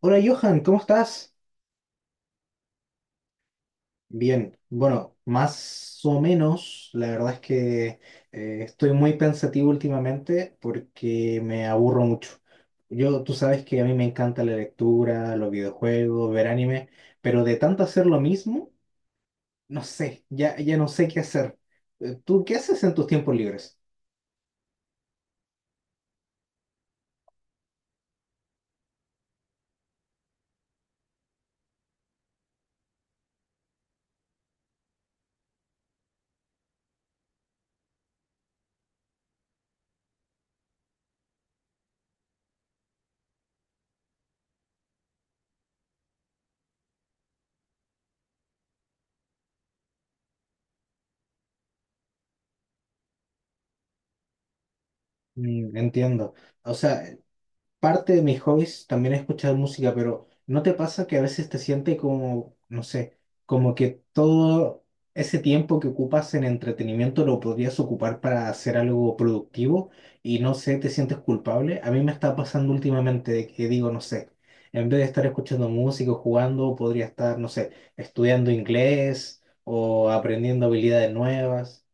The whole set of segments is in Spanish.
Hola Johan, ¿cómo estás? Bien, bueno, más o menos, la verdad es que estoy muy pensativo últimamente porque me aburro mucho. Yo, tú sabes que a mí me encanta la lectura, los videojuegos, ver anime, pero de tanto hacer lo mismo, no sé, ya no sé qué hacer. ¿Tú qué haces en tus tiempos libres? Mm, entiendo. O sea, parte de mis hobbies también es escuchar música, pero ¿no te pasa que a veces te sientes como, no sé, como que todo ese tiempo que ocupas en entretenimiento lo podrías ocupar para hacer algo productivo y no sé, te sientes culpable? A mí me está pasando últimamente de que digo, no sé, en vez de estar escuchando música o jugando, podría estar, no sé, estudiando inglés o aprendiendo habilidades nuevas.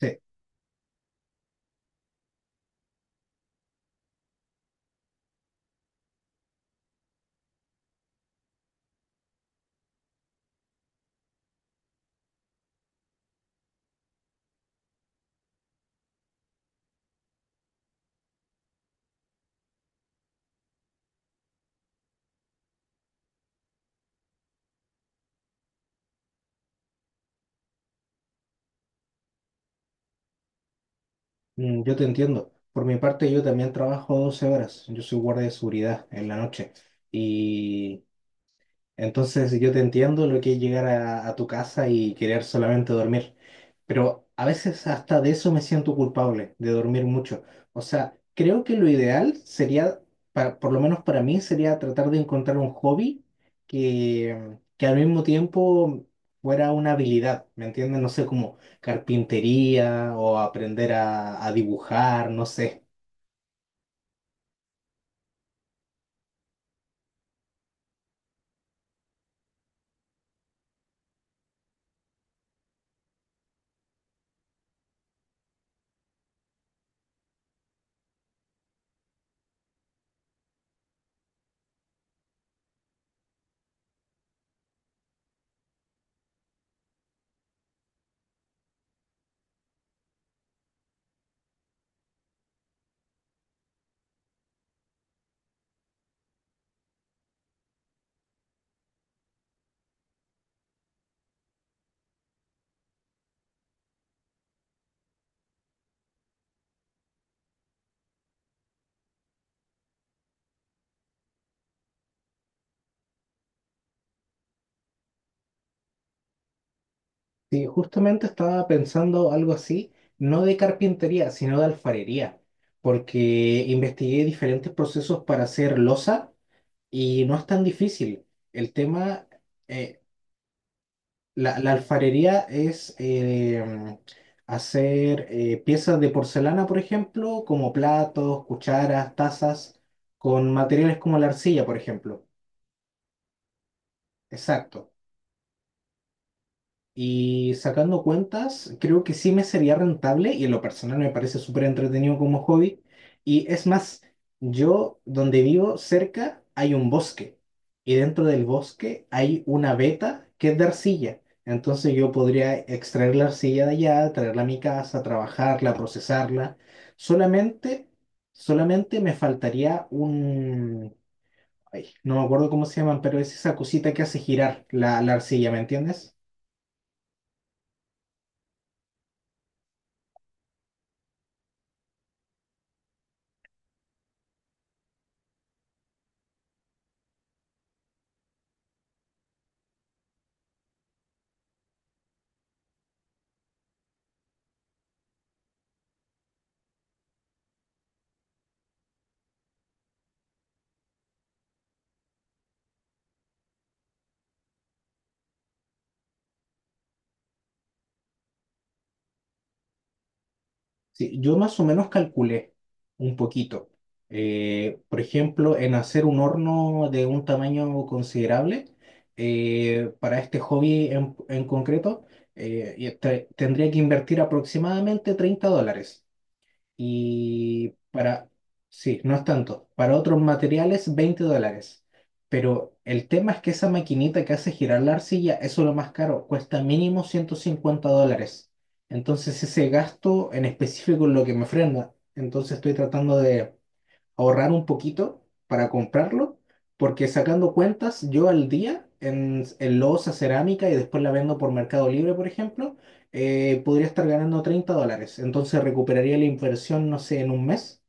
Sí. Mm, yo te entiendo. Por mi parte, yo también trabajo 12 horas. Yo soy guardia de seguridad en la noche. Y entonces yo te entiendo lo que es llegar a tu casa y querer solamente dormir, pero a veces hasta de eso me siento culpable, de dormir mucho. O sea, creo que lo ideal sería, por lo menos para mí, sería tratar de encontrar un hobby que al mismo tiempo fuera una habilidad, ¿me entiendes? No sé, como carpintería o aprender a dibujar, no sé. Sí, justamente estaba pensando algo así, no de carpintería, sino de alfarería, porque investigué diferentes procesos para hacer loza y no es tan difícil. El tema, eh, la alfarería es hacer piezas de porcelana, por ejemplo, como platos, cucharas, tazas, con materiales como la arcilla, por ejemplo. Exacto. Y sacando cuentas, creo que sí me sería rentable y en lo personal me parece súper entretenido como hobby. Y es más, yo donde vivo cerca hay un bosque y dentro del bosque hay una veta que es de arcilla. Entonces yo podría extraer la arcilla de allá, traerla a mi casa, trabajarla, procesarla. Solamente, solamente me faltaría un... ay, no me acuerdo cómo se llaman, pero es esa cosita que hace girar la arcilla, ¿me entiendes? Sí, yo más o menos calculé un poquito. Por ejemplo, en hacer un horno de un tamaño considerable, para este hobby en concreto, y tendría que invertir aproximadamente $30. Y para, sí, no es tanto. Para otros materiales, $20. Pero el tema es que esa maquinita que hace girar la arcilla, eso es lo más caro, cuesta mínimo $150. Entonces ese gasto en específico es lo que me frena. Entonces estoy tratando de ahorrar un poquito para comprarlo, porque sacando cuentas, yo al día en loza, cerámica y después la vendo por Mercado Libre, por ejemplo, podría estar ganando $30. Entonces recuperaría la inversión, no sé, en un mes.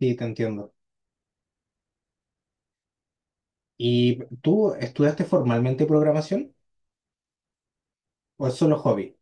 Sí, te entiendo. ¿Y tú estudiaste formalmente programación o es solo hobby?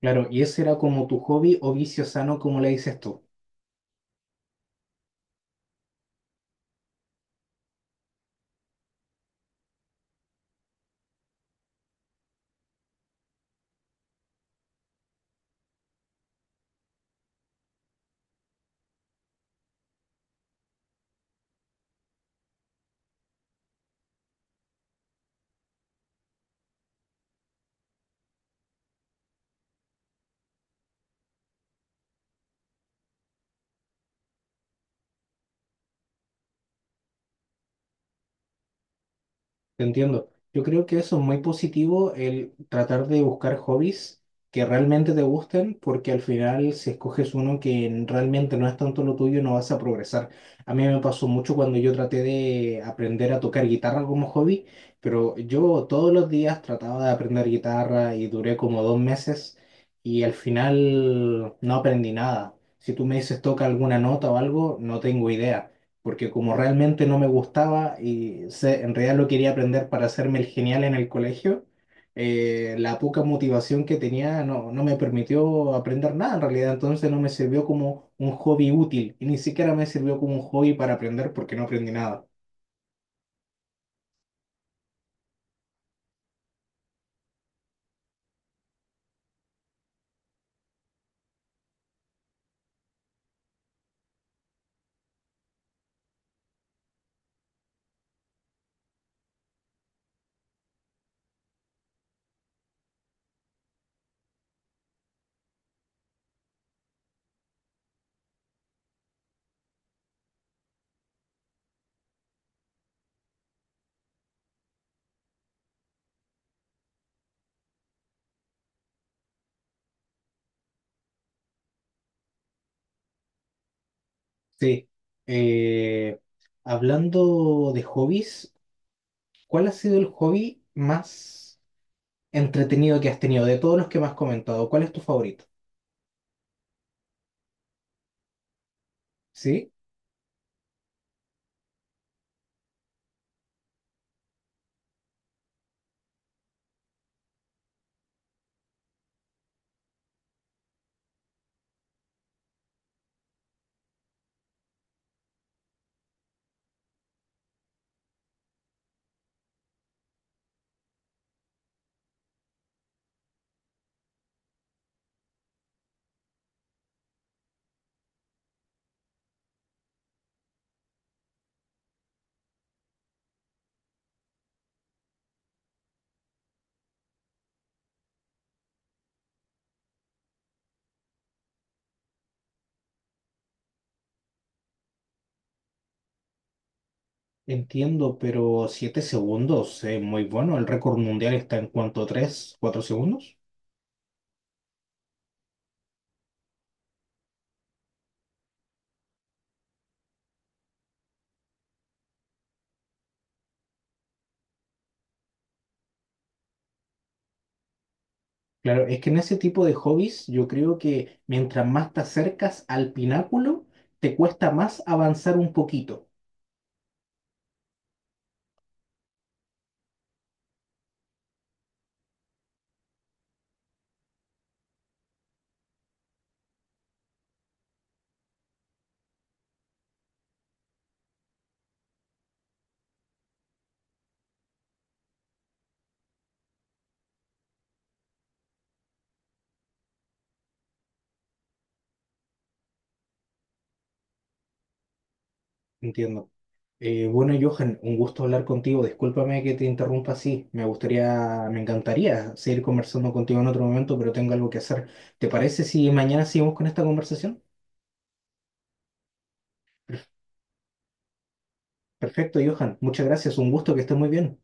Claro, y ese era como tu hobby o vicio sano, como le dices tú. Te entiendo. Yo creo que eso es muy positivo, el tratar de buscar hobbies que realmente te gusten, porque al final si escoges uno que realmente no es tanto lo tuyo, no vas a progresar. A mí me pasó mucho cuando yo traté de aprender a tocar guitarra como hobby, pero yo todos los días trataba de aprender guitarra y duré como 2 meses y al final no aprendí nada. Si tú me dices toca alguna nota o algo, no tengo idea porque como realmente no me gustaba y en realidad lo quería aprender para hacerme el genial en el colegio, la poca motivación que tenía no me permitió aprender nada en realidad, entonces no me sirvió como un hobby útil y ni siquiera me sirvió como un hobby para aprender porque no aprendí nada. Sí, eh, hablando de hobbies, ¿cuál ha sido el hobby más entretenido que has tenido? De todos los que me has comentado, ¿cuál es tu favorito? ¿Sí? Entiendo, pero 7 segundos es muy bueno. El récord mundial está en cuanto 3 4 segundos. Claro, es que en ese tipo de hobbies yo creo que mientras más te acercas al pináculo, te cuesta más avanzar un poquito. Entiendo. Bueno, Johan, un gusto hablar contigo. Discúlpame que te interrumpa así. Me gustaría, me encantaría seguir conversando contigo en otro momento, pero tengo algo que hacer. ¿Te parece si mañana seguimos con esta conversación? Perfecto, Johan. Muchas gracias. Un gusto, que estés muy bien.